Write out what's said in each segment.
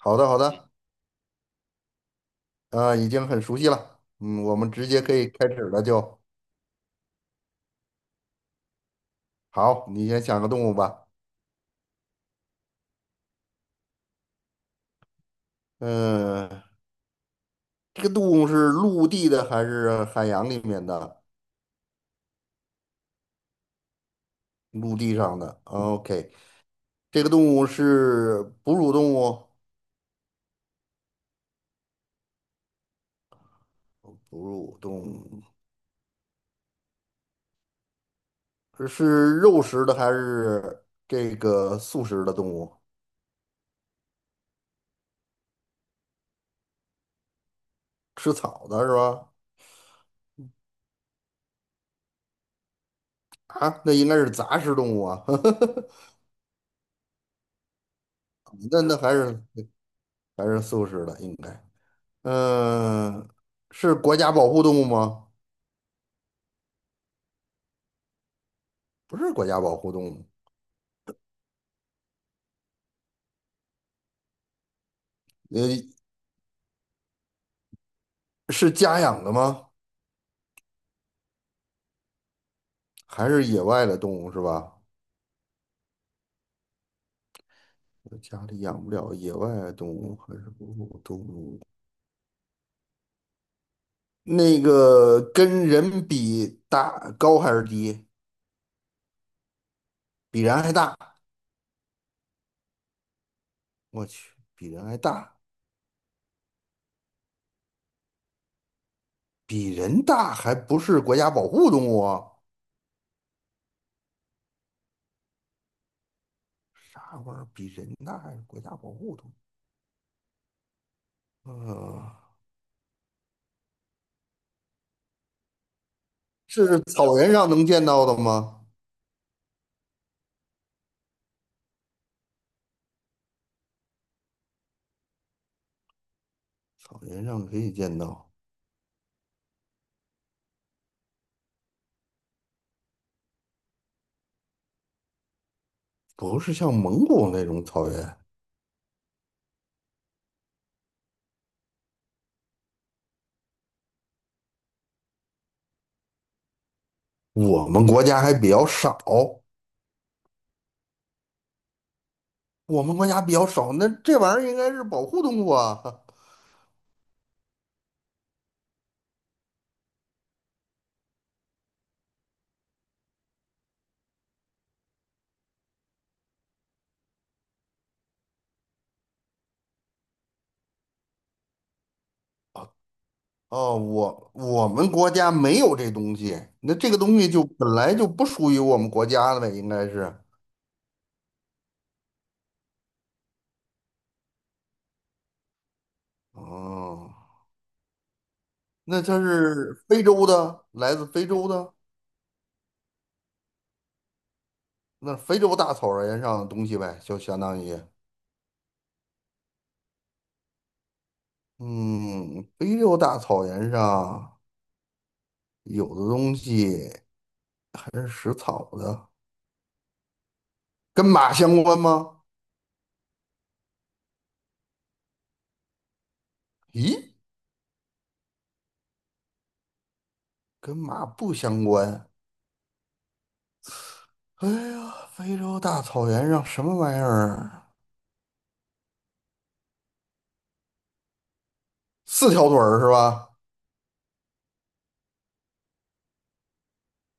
好的，好的，已经很熟悉了。嗯，我们直接可以开始了就。好，你先想个动物吧。嗯、这个动物是陆地的还是海洋里面的？陆地上的。OK，这个动物是哺乳动物，哺乳动物是肉食的还是这个素食的动物？吃草的是吧？啊，那应该是杂食动物啊。那那还是还是素食的应该。嗯，是国家保护动物吗？不是国家保护动物，呃，是家养的吗？还是野外的动物是吧？家里养不了野外的动物，还是哺乳动物？那个跟人比大高还是低？比人还大？我去，比人还大，比人大还不是国家保护动物啊？啥玩意儿？比人大还是国家保护动物？呃，是草原上能见到的吗？草原上可以见到，不是像蒙古那种草原，我们国家还比较少，我们国家比较少，那这玩意儿应该是保护动物啊。哦，我们国家没有这东西，那这个东西就本来就不属于我们国家的呗，应该是。哦，那它是非洲的，来自非洲的，那非洲大草原上的东西呗，就相当于，嗯，非洲大草原上有的东西。还是食草的，跟马相关吗？咦，跟马不相关。哎呀，非洲大草原上什么玩意儿？四条腿儿是吧？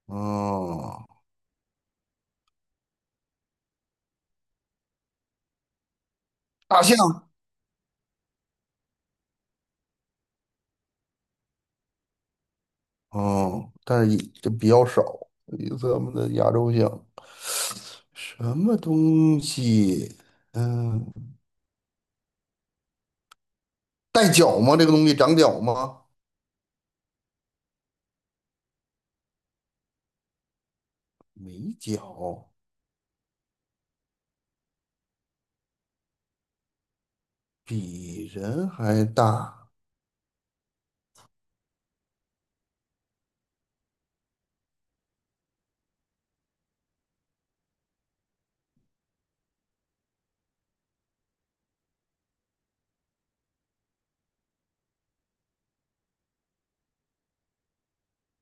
嗯，大象。嗯，但是这比较少，比咱们的亚洲象。什么东西？嗯，带角吗？这个东西长角吗？没角，比人还大。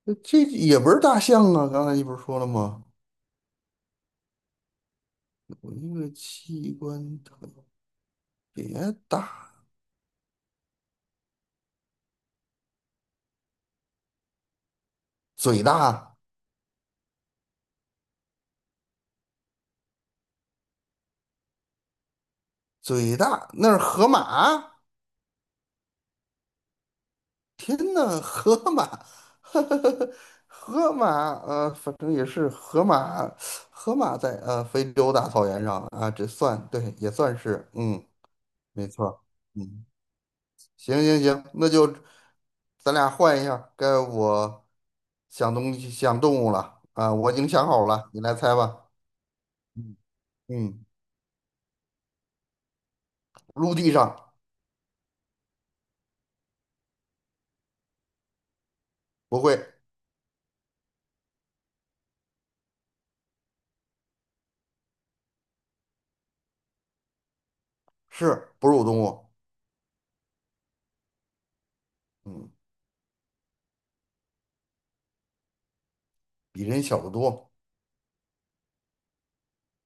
这这也不是大象啊，刚才你不是说了吗？我一个器官特别大，嘴大，嘴大，那是河马。天呐，河马，河马，反正也是河马，河马在非洲大草原上啊，这算对，也算是，嗯，没错儿嗯，行行行，那就咱俩换一下该我想东西想动物了啊，我已经想好了，你来猜吧。嗯嗯，陆地上不会。是哺乳动物，嗯，比人小得多，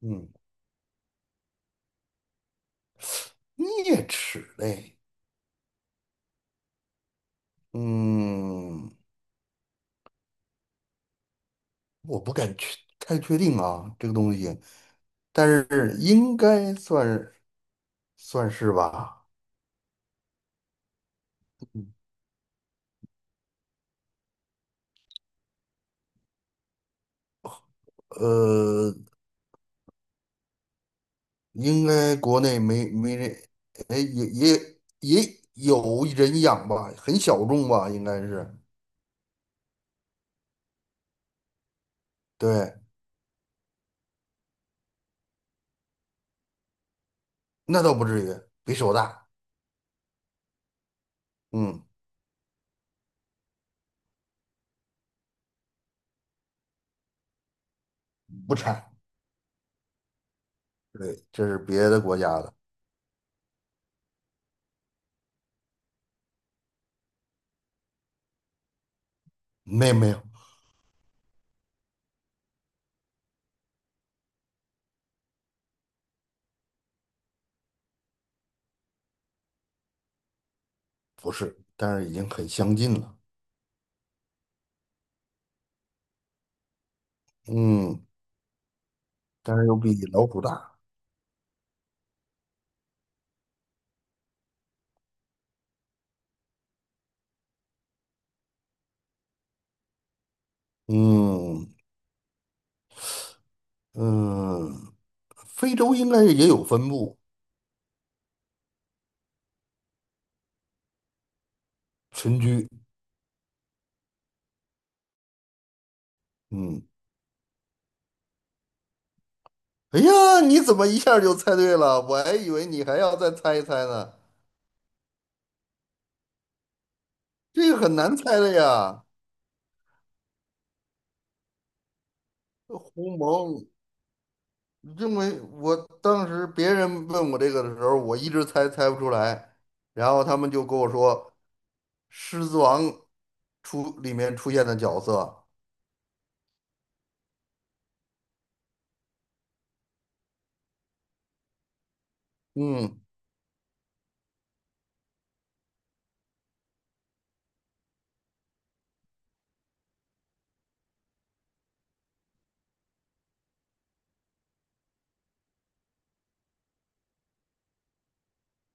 嗯，啮齿类，嗯，我不敢太确定啊，这个东西，但是应该算算是吧，呃，应该国内没人，哎，也有人养吧，很小众吧，应该是，对，那倒不至于，比手大，嗯，不产，对，这是别的国家的，没有没有。不是，但是已经很相近了。嗯，但是又比老虎大。嗯嗯，非洲应该也有分布群居。嗯，哎呀，你怎么一下就猜对了？我还以为你还要再猜一猜呢，这个很难猜的呀。狐獴，因为我当时别人问我这个的时候，我一直猜不出来，然后他们就跟我说，《狮子王》出里面出现的角色。嗯。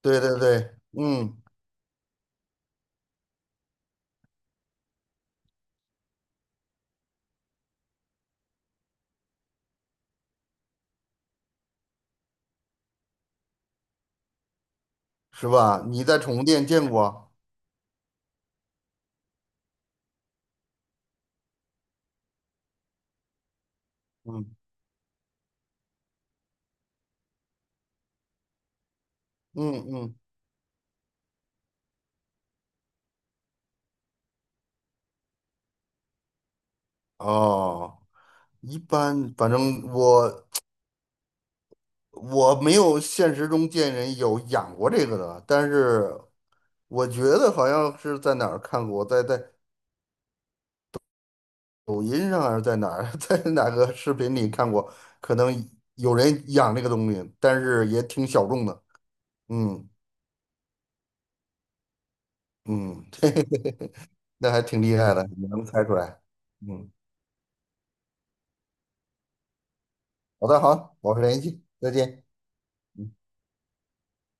对对对，嗯，是吧？你在宠物店见过？嗯嗯嗯，哦，一般，反正我没有现实中见人有养过这个的，但是我觉得好像是在哪儿看过，在抖音上还是在哪儿，在哪个视频里看过，可能有人养这个东西，但是也挺小众的。嗯嗯，那还挺厉害的，你能猜出来。嗯，好的，好，保持联系，再见。